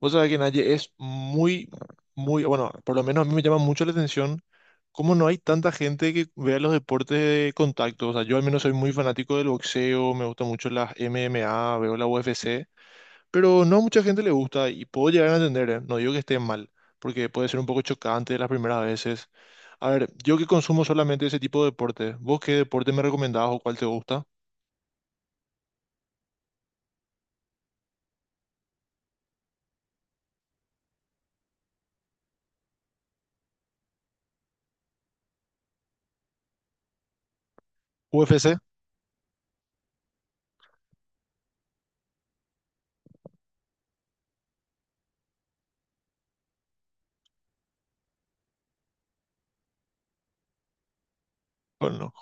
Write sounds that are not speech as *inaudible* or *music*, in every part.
Vos sabés que Naye es muy, muy, bueno, por lo menos a mí me llama mucho la atención cómo no hay tanta gente que vea los deportes de contacto. O sea, yo al menos soy muy fanático del boxeo, me gusta mucho las MMA, veo la UFC, pero no a mucha gente le gusta y puedo llegar a entender, ¿eh? No digo que esté mal, porque puede ser un poco chocante las primeras veces. A ver, yo que consumo solamente ese tipo de deportes, ¿vos qué deporte me recomendabas o cuál te gusta? ¿UFC? Bueno, no.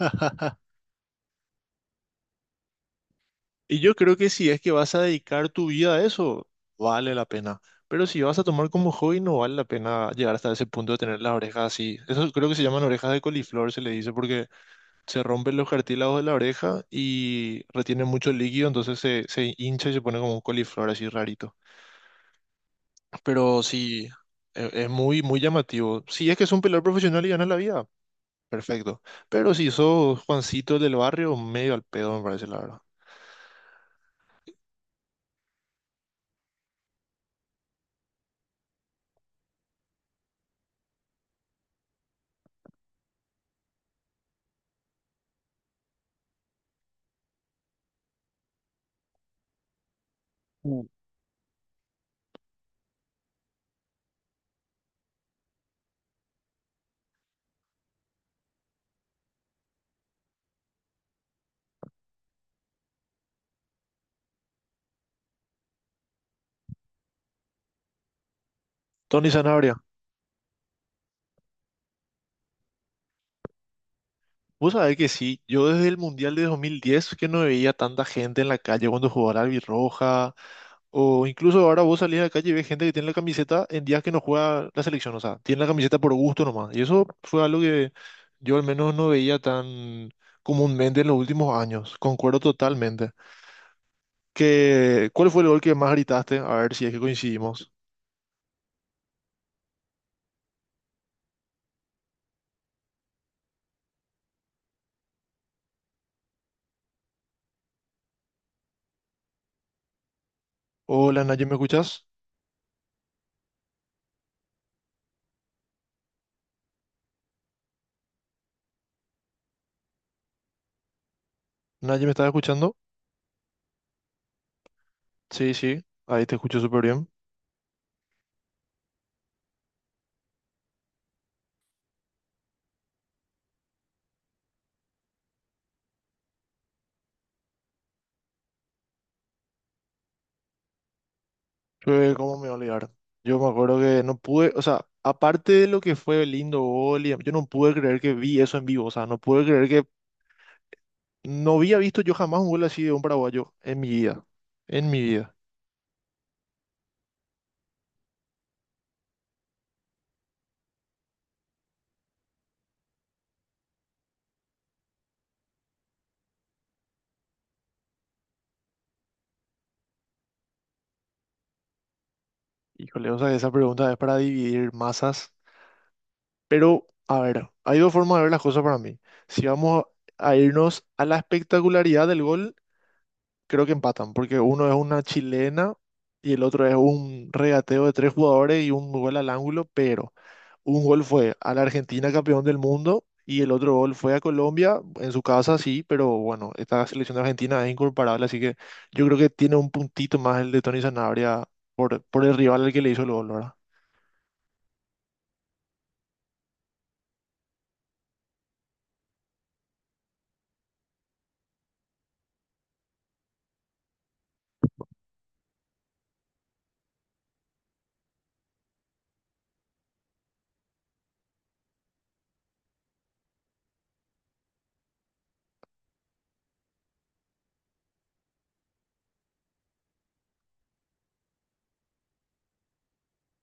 *laughs* Y yo creo que si es que vas a dedicar tu vida a eso, vale la pena. Pero si vas a tomar como hobby, no vale la pena llegar hasta ese punto de tener las orejas así. Eso creo que se llaman orejas de coliflor, se le dice, porque se rompen los cartílagos de la oreja y retiene mucho líquido, entonces se hincha y se pone como un coliflor así rarito. Pero sí, es muy, muy llamativo. Si es que es un peleador profesional y ganas la vida, perfecto. Pero si sos Juancito del barrio, medio al pedo, me parece la verdad. Mm. Tony Sanabria, vos sabés que sí, yo desde el Mundial de 2010 que no veía tanta gente en la calle cuando jugaba la albirroja, o incluso ahora vos salís a la calle y ves gente que tiene la camiseta en días que no juega la selección, o sea, tiene la camiseta por gusto nomás, y eso fue algo que yo al menos no veía tan comúnmente en los últimos años, concuerdo totalmente. Que, ¿cuál fue el gol que más gritaste? A ver si es que coincidimos. Hola, Naye, ¿me escuchás? Nadie me estaba escuchando. Sí, sí, ahí te escucho súper bien. ¿Cómo me voy a olvidar? Yo me acuerdo que no pude, o sea, aparte de lo que fue el lindo gol, yo no pude creer que vi eso en vivo, o sea, no pude creer que no había visto yo jamás un gol así de un paraguayo en mi vida, en mi vida. Híjole, o sea, esa pregunta es para dividir masas, pero a ver, hay dos formas de ver las cosas para mí. Si vamos a irnos a la espectacularidad del gol. Creo que empatan, porque uno es una chilena y el otro es un regateo de tres jugadores y un gol al ángulo, pero un gol fue a la Argentina campeón del mundo y el otro gol fue a Colombia, en su casa sí, pero bueno, esta selección de Argentina es incomparable, así que yo creo que tiene un puntito más el de Tony Sanabria por el rival al que le hizo el gol, ¿verdad?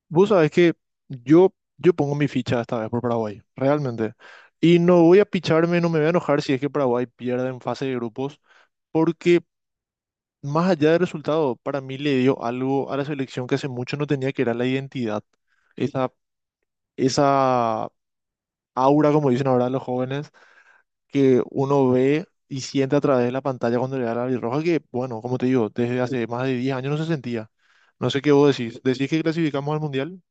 Vos sabés que yo, yo pongo mi ficha esta vez por Paraguay, realmente. Y no voy a picharme, no me voy a enojar si es que Paraguay pierde en fase de grupos, porque, más allá del resultado, para mí le dio algo a la selección que hace mucho no tenía, que era la identidad. Esa, esa aura, como dicen ahora los jóvenes, que uno ve y siente a través de la pantalla cuando le da la roja que, bueno, como te digo, desde hace más de 10 años no se sentía. No sé qué vos decís. ¿Decís que clasificamos al Mundial?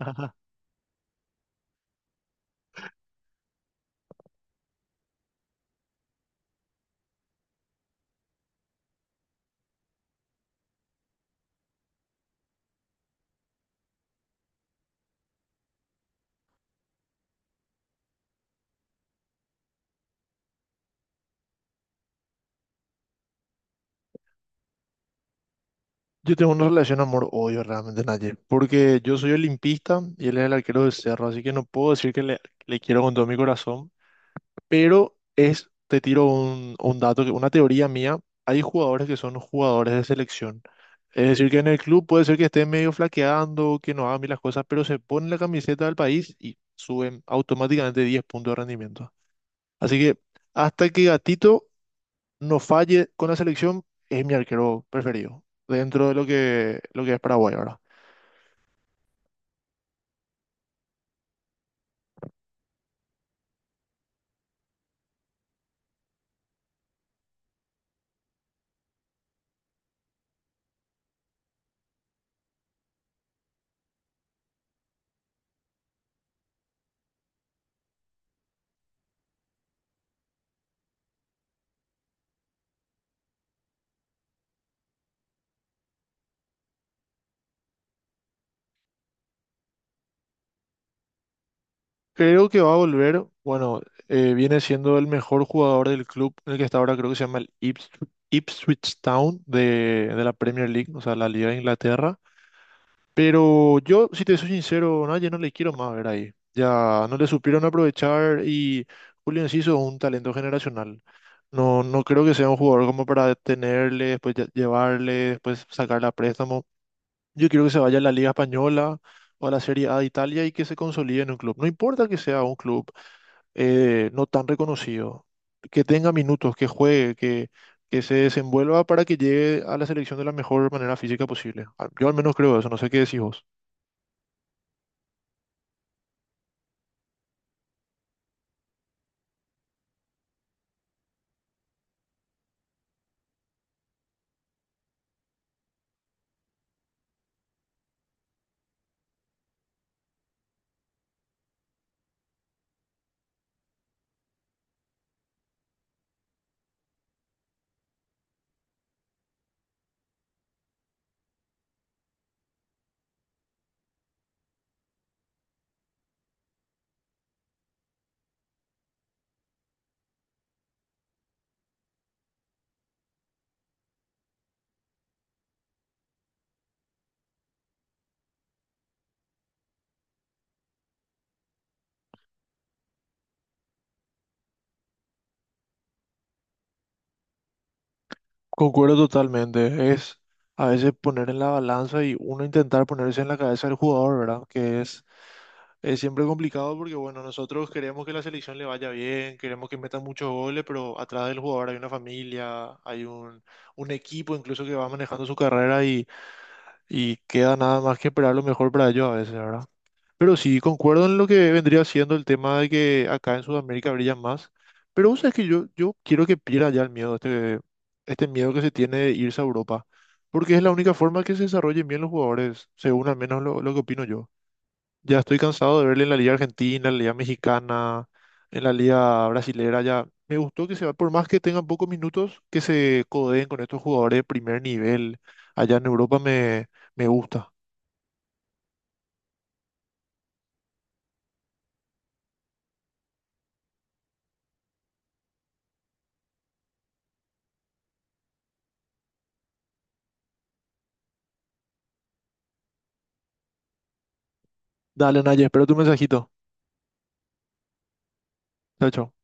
*laughs* Yo tengo una relación amor-odio realmente, Naye, porque yo soy olimpista y él es el arquero de Cerro, así que no puedo decir que le quiero con todo mi corazón. Pero es, te tiro un dato, una teoría mía. Hay jugadores que son jugadores de selección. Es decir, que en el club puede ser que esté medio flaqueando, que no hagan bien las cosas, pero se ponen la camiseta del país y suben automáticamente 10 puntos de rendimiento. Así que hasta que Gatito no falle con la selección, es mi arquero preferido, dentro de lo que es Paraguay ahora. Creo que va a volver, bueno, viene siendo el mejor jugador del club en el que está ahora, creo que se llama el Ipswich Town de la Premier League, o sea, la Liga de Inglaterra. Pero yo, si te soy sincero, no, ya no le quiero más ver ahí. Ya no le supieron aprovechar, y Julio Enciso es un talento generacional. No, no creo que sea un jugador como para detenerle, después llevarle, después sacarle a préstamo. Yo quiero que se vaya a la Liga Española o a la Serie A de Italia y que se consolide en un club. No importa que sea un club no tan reconocido, que tenga minutos, que juegue, que se desenvuelva para que llegue a la selección de la mejor manera física posible. Yo al menos creo eso, no sé qué decís vos. Concuerdo totalmente, es a veces poner en la balanza y uno intentar ponerse en la cabeza del jugador, ¿verdad? Que es... Es siempre complicado porque, bueno, nosotros queremos que la selección le vaya bien, queremos que meta muchos goles, pero atrás del jugador hay una familia, hay un equipo incluso que va manejando su carrera y queda nada más que esperar lo mejor para ellos a veces, ¿verdad? Pero sí, concuerdo en lo que vendría siendo el tema de que acá en Sudamérica brillan más. Pero vos sabés que yo quiero que pierda ya el miedo, este miedo que se tiene de irse a Europa, porque es la única forma que se desarrollen bien los jugadores, según al menos lo que opino yo. Ya estoy cansado de verle en la Liga Argentina, en la Liga Mexicana, en la Liga Brasilera. Ya me gustó que se va, por más que tengan pocos minutos, que se codeen con estos jugadores de primer nivel. Allá en Europa me gusta. Dale, Naye, espero tu mensajito. Chao, chao.